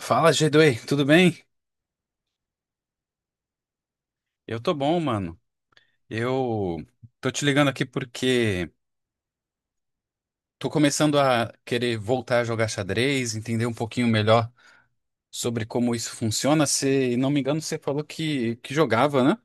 Fala, g, tudo bem? Eu tô bom, mano. Eu Tô te ligando aqui porque tô começando a querer voltar a jogar xadrez, entender um pouquinho melhor sobre como isso funciona. Se não me engano, você falou que jogava, né?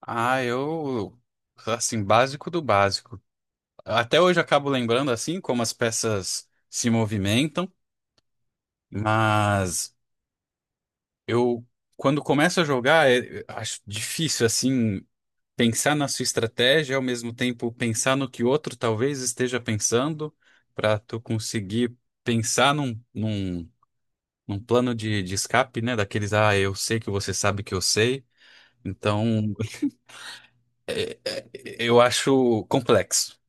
Ah, eu, assim, básico do básico. Até hoje eu acabo lembrando, assim, como as peças se movimentam, mas eu, quando começo a jogar, acho difícil, assim. Pensar na sua estratégia, ao mesmo tempo pensar no que outro talvez esteja pensando, para tu conseguir pensar num plano de escape, né? Daqueles, ah, eu sei que você sabe que eu sei. Então, eu acho complexo.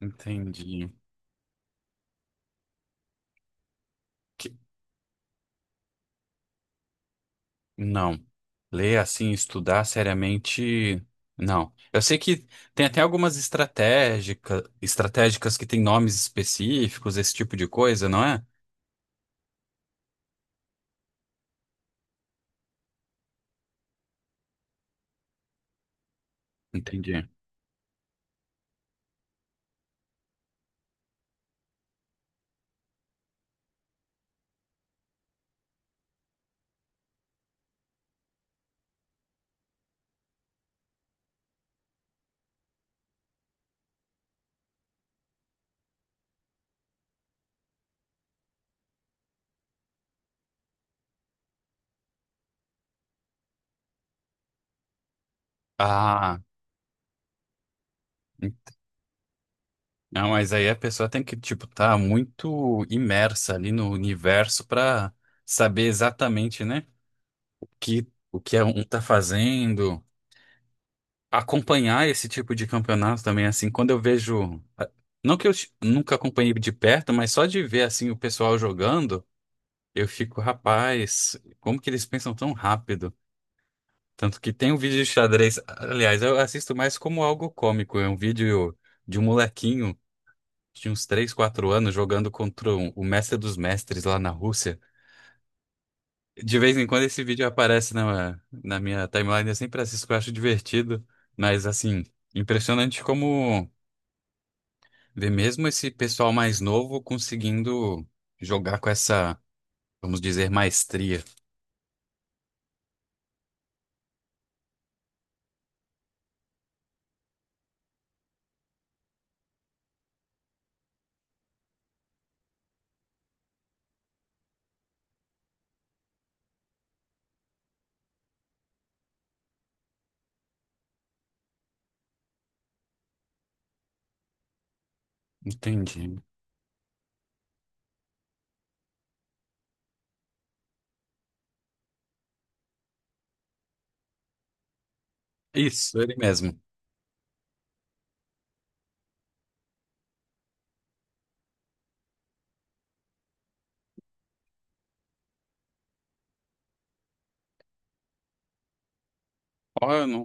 Entendi. Que- Não. Ler assim, estudar seriamente, não. Eu sei que tem até algumas estratégicas que têm nomes específicos, esse tipo de coisa, não é? Entendi. Ah. Não, mas aí a pessoa tem que, tipo, tá muito imersa ali no universo pra saber exatamente, né, que, o que um tá fazendo. Acompanhar esse tipo de campeonato também, assim, quando eu vejo. Não que eu nunca acompanhei de perto, mas só de ver, assim, o pessoal jogando, eu fico, rapaz, como que eles pensam tão rápido? Tanto que tem um vídeo de xadrez. Aliás, eu assisto mais como algo cômico, é um vídeo de um molequinho. Tinha uns 3 4 anos jogando contra o mestre dos mestres lá na Rússia. De vez em quando esse vídeo aparece na minha timeline, eu sempre assisto, que eu acho divertido. Mas, assim, impressionante como ver mesmo esse pessoal mais novo conseguindo jogar com essa, vamos dizer, maestria. Entendi. Isso, ele mesmo. Ó, eu não,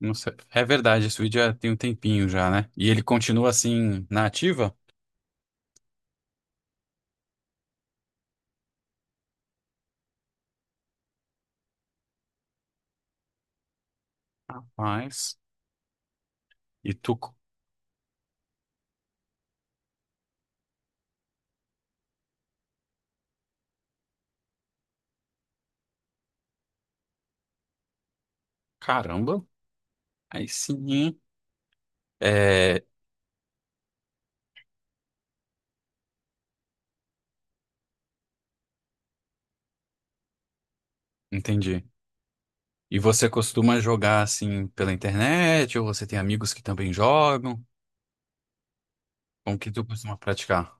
não sei. É verdade, esse vídeo já tem um tempinho já, né? E ele continua assim, na ativa? Rapaz. E tu, caramba, aí sim. É, entendi. E você costuma jogar assim pela internet ou você tem amigos que também jogam? Como que tu costuma praticar?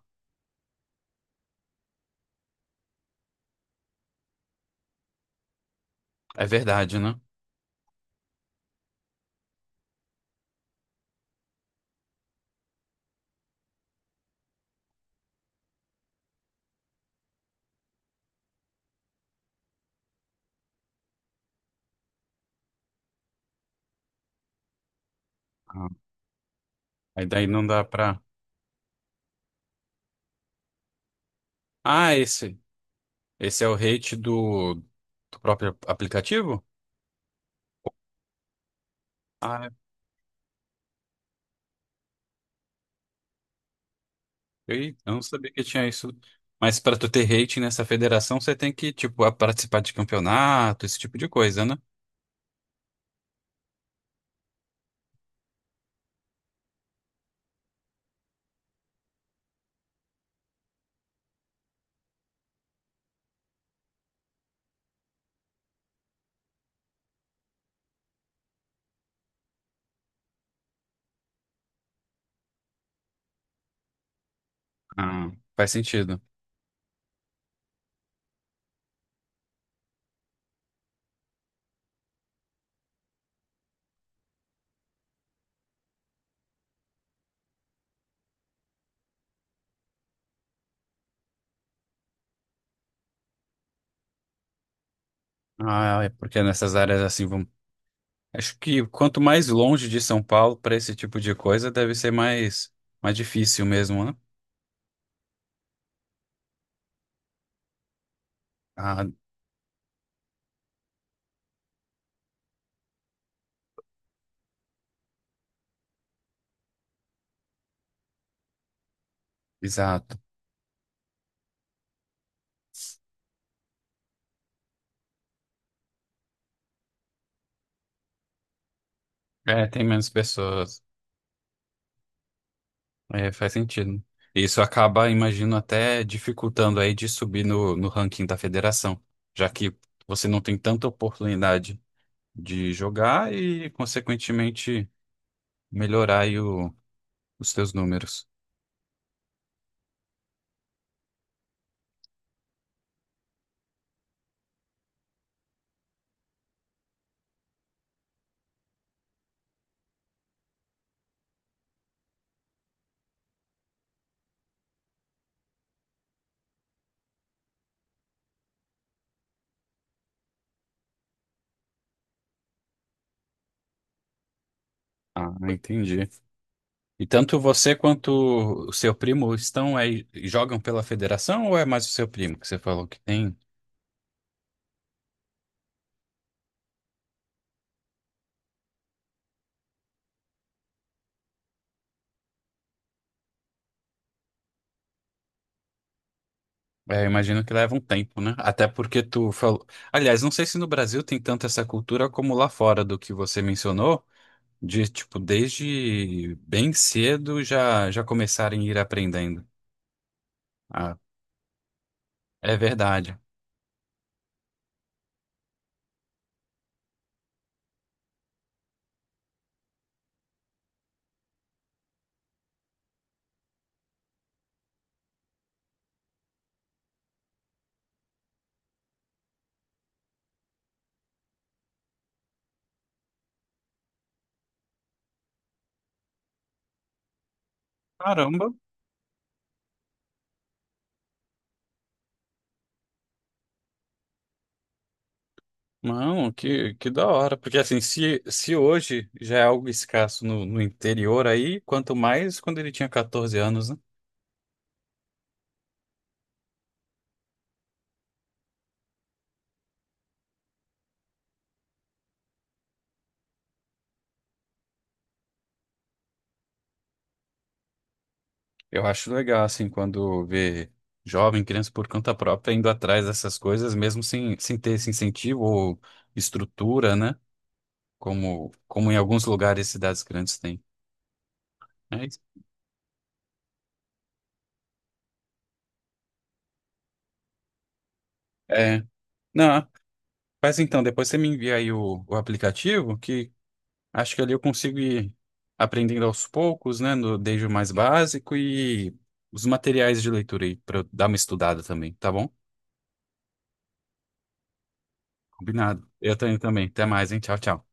É verdade, né? Ah, aí daí não dá pra. Ah, esse é o rate do, do próprio aplicativo? Ah, eu não sabia que tinha isso. Mas pra tu ter rate nessa federação, você tem que, tipo, participar de campeonato, esse tipo de coisa, né? Ah, faz sentido. Ah, é porque nessas áreas assim, vamos. Acho que quanto mais longe de São Paulo para esse tipo de coisa, deve ser mais, mais difícil mesmo, né? Ah, exato. É, tem menos pessoas. É, faz sentido. Isso acaba, imagino, até dificultando aí de subir no ranking da federação, já que você não tem tanta oportunidade de jogar e, consequentemente, melhorar os seus números. Ah, entendi. E tanto você quanto o seu primo estão aí, jogam pela federação ou é mais o seu primo que você falou que tem? É, eu imagino que leva um tempo, né? Até porque tu falou. Aliás, não sei se no Brasil tem tanto essa cultura como lá fora do que você mencionou, de tipo, desde bem cedo já começarem a ir aprendendo. Ah, é verdade. Caramba. Não, que da hora. Porque assim, se hoje já é algo escasso no interior aí, quanto mais quando ele tinha 14 anos, né? Eu acho legal, assim, quando vê jovem, criança por conta própria indo atrás dessas coisas, mesmo sem ter esse incentivo ou estrutura, né? Como, como em alguns lugares e cidades grandes têm. É, isso. É. Não, mas então, depois você me envia aí o aplicativo, que acho que ali eu consigo ir aprendendo aos poucos, né? No, desde o mais básico e os materiais de leitura aí, para eu dar uma estudada também, tá bom? Combinado. Eu tenho também. Até mais, hein? Tchau, tchau.